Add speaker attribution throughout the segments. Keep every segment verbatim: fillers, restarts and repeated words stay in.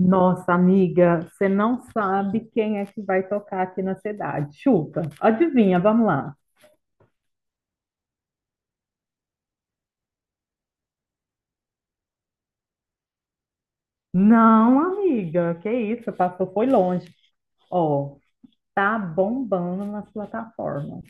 Speaker 1: Nossa, amiga, você não sabe quem é que vai tocar aqui na cidade. Chuta, adivinha, vamos lá. Não, amiga, que isso, passou, foi longe. Ó, tá bombando nas plataformas.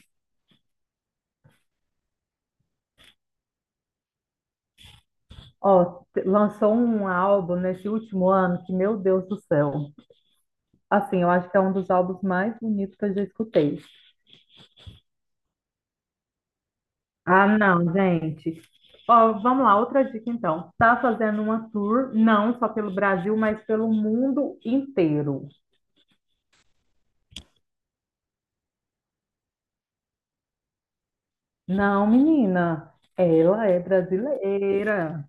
Speaker 1: Ó, t- lançou um álbum nesse último ano que, meu Deus do céu. Assim, eu acho que é um dos álbuns mais bonitos que eu já escutei. Ah, não, gente. Ó, vamos lá, outra dica então. Tá fazendo uma tour, não só pelo Brasil, mas pelo mundo inteiro. Não, menina, ela é brasileira.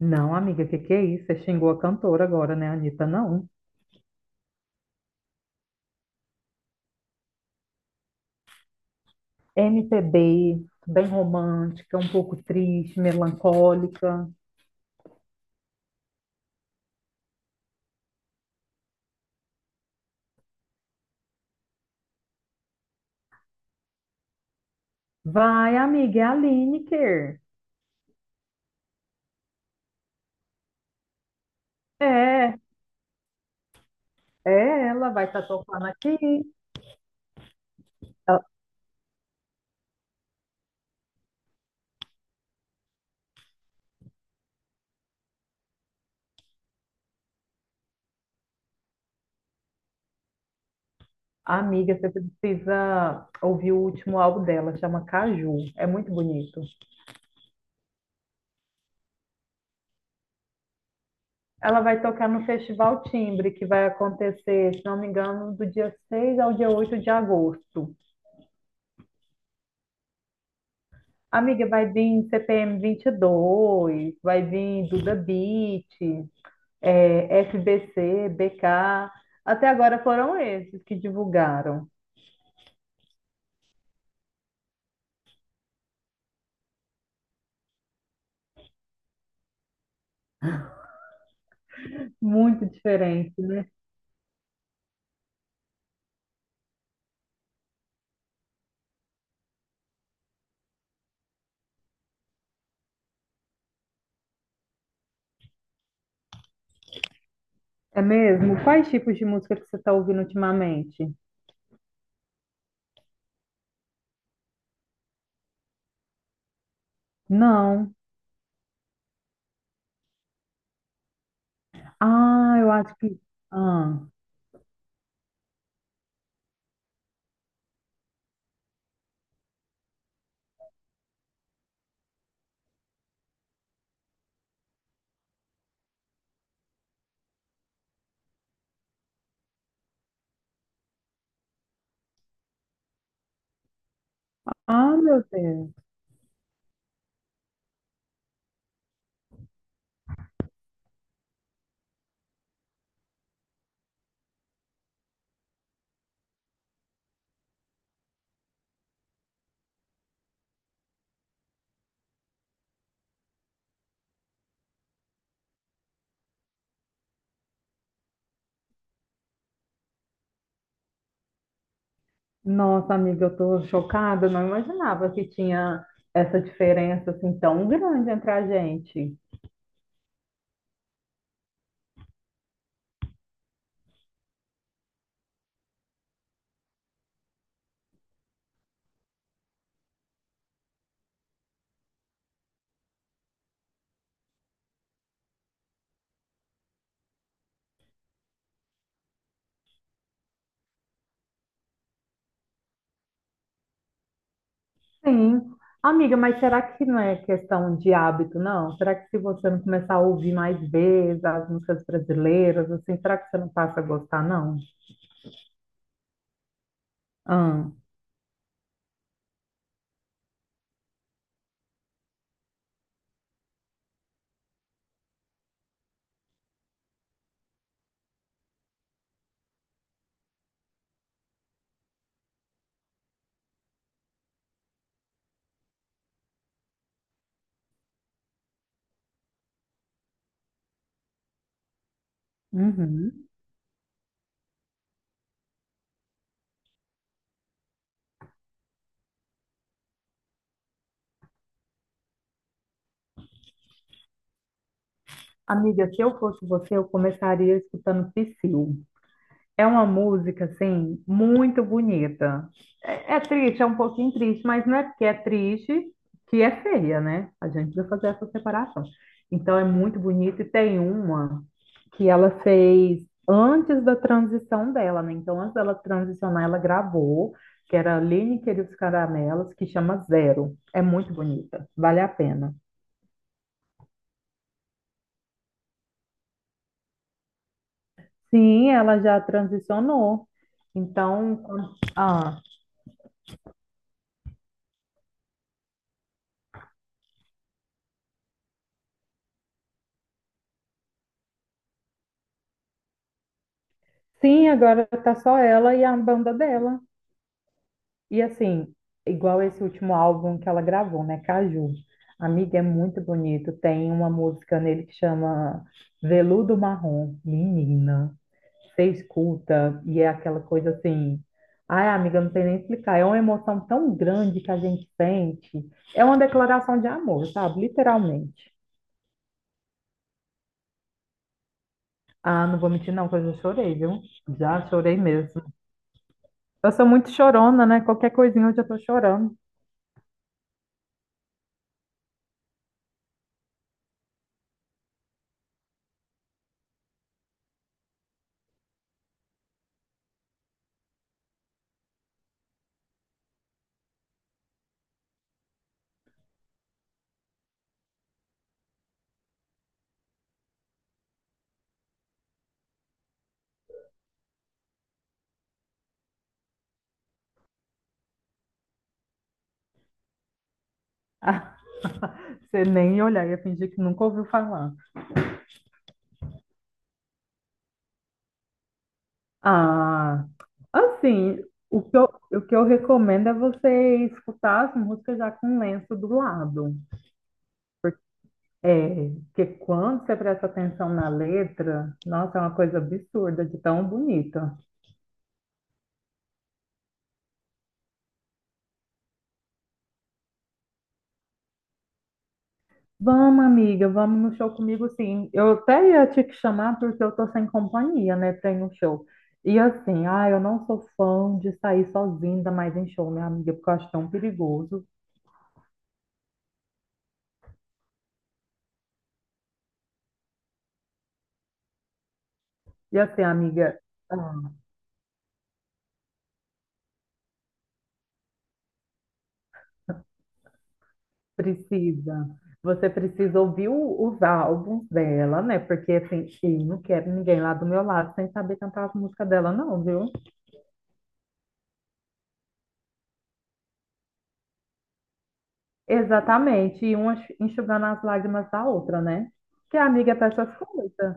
Speaker 1: Não, amiga, que que é isso? Você xingou a cantora agora, né, Anitta? Não. M P B, bem romântica, um pouco triste, melancólica. Vai, amiga, é a Lineker. É, é ela, vai estar tocando aqui. A- Amiga, você precisa ouvir o último álbum dela, chama Caju. É muito bonito. Ela vai tocar no Festival Timbre, que vai acontecer, se não me engano, do dia seis ao dia oito de agosto. Amiga, vai vir C P M dois, vai vir Duda Beat, é, F B C, B K. Até agora foram esses que divulgaram. Muito diferente, né? É mesmo? Quais tipos de música que você está ouvindo ultimamente? Não. Ah, eu acho que. Ah, ah, meu Deus. Nossa, amiga, eu tô chocada, não imaginava que tinha essa diferença assim tão grande entre a gente. Sim. Amiga, mas será que não é questão de hábito, não? Será que se você não começar a ouvir mais vezes as músicas brasileiras, assim, será que você não passa a gostar, não? Ah, uhum. Amiga, se eu fosse você, eu começaria escutando Psyu. É uma música, assim, muito bonita. É, é triste, é um pouquinho triste, mas não é porque é triste que é feia, né? A gente precisa fazer essa separação. Então, é muito bonita e tem uma que ela fez antes da transição dela, né? Então, antes dela transicionar, ela gravou, que era Lineker e os Caramelos, que chama Zero. É muito bonita, vale a pena. Sim, ela já transicionou. Então, quando- ah, sim, agora tá só ela e a banda dela. E assim, igual esse último álbum que ela gravou, né? Caju. Amiga, é muito bonito. Tem uma música nele que chama Veludo Marrom. Menina, você escuta e é aquela coisa assim. Ai, amiga, não sei nem explicar. É uma emoção tão grande que a gente sente. É uma declaração de amor, sabe? Literalmente. Ah, não vou mentir, não, que eu já chorei, viu? Já chorei mesmo. Eu sou muito chorona, né? Qualquer coisinha eu já tô chorando. Ah, você nem ia olhar, ia fingir que nunca ouviu falar. Ah, assim, o que eu, o que eu recomendo é você escutar as músicas já com lenço do lado. É, porque quando você presta atenção na letra, nossa, é uma coisa absurda de tão bonita. Vamos, amiga, vamos no show comigo, sim. Eu até ia te chamar porque eu tô sem companhia, né, pra ir no show. E assim, ah, eu não sou fã de sair sozinha, ainda mais em show, minha amiga, porque eu acho tão perigoso. E assim, amiga, ah, precisa. Você precisa ouvir o- os álbuns dela, né? Porque assim, eu não quero ninguém lá do meu lado sem saber cantar as músicas dela, não, viu? Exatamente. E uma enxugando as lágrimas da outra, né? Que a amiga é pra essas coisas.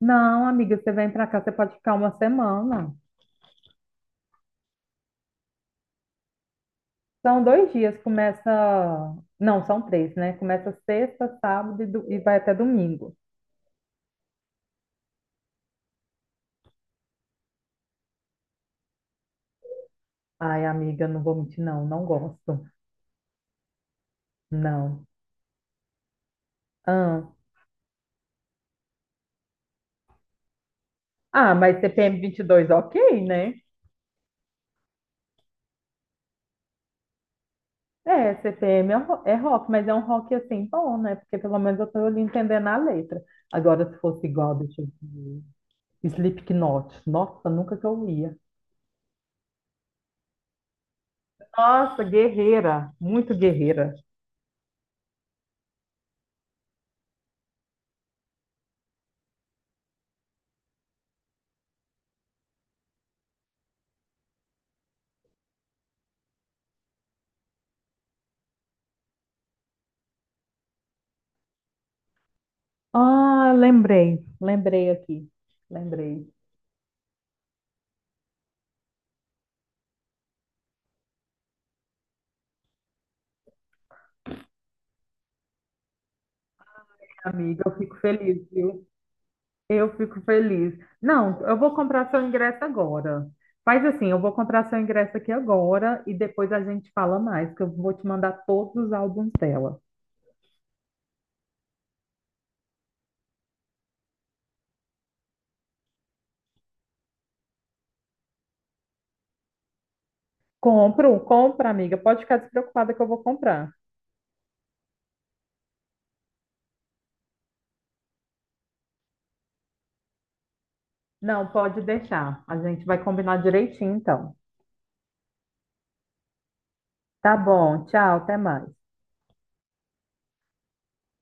Speaker 1: Não, amiga, você vem pra cá, você pode ficar uma semana. São dois dias, começa. Não, são três, né? Começa sexta, sábado e, do- e vai até domingo. Ai, amiga, não vou mentir, não, não gosto. Não. Ahn, Ah, mas C P M dois, ok, né? É, C P M é um ro- é rock, mas é um rock assim bom, né? Porque pelo menos eu tô ali entendendo a letra. Agora, se fosse igual, deixa eu ver. Slipknot. Nossa, nunca que eu ia. Nossa, guerreira, muito guerreira. Ah, lembrei, lembrei aqui, lembrei. Amiga, eu fico feliz, viu? Eu fico feliz. Não, eu vou comprar seu ingresso agora. Faz assim, eu vou comprar seu ingresso aqui agora e depois a gente fala mais, que eu vou te mandar todos os álbuns dela. Compro, compra, amiga. Pode ficar despreocupada que eu vou comprar. Não, pode deixar. A gente vai combinar direitinho, então. Tá bom, tchau, até mais.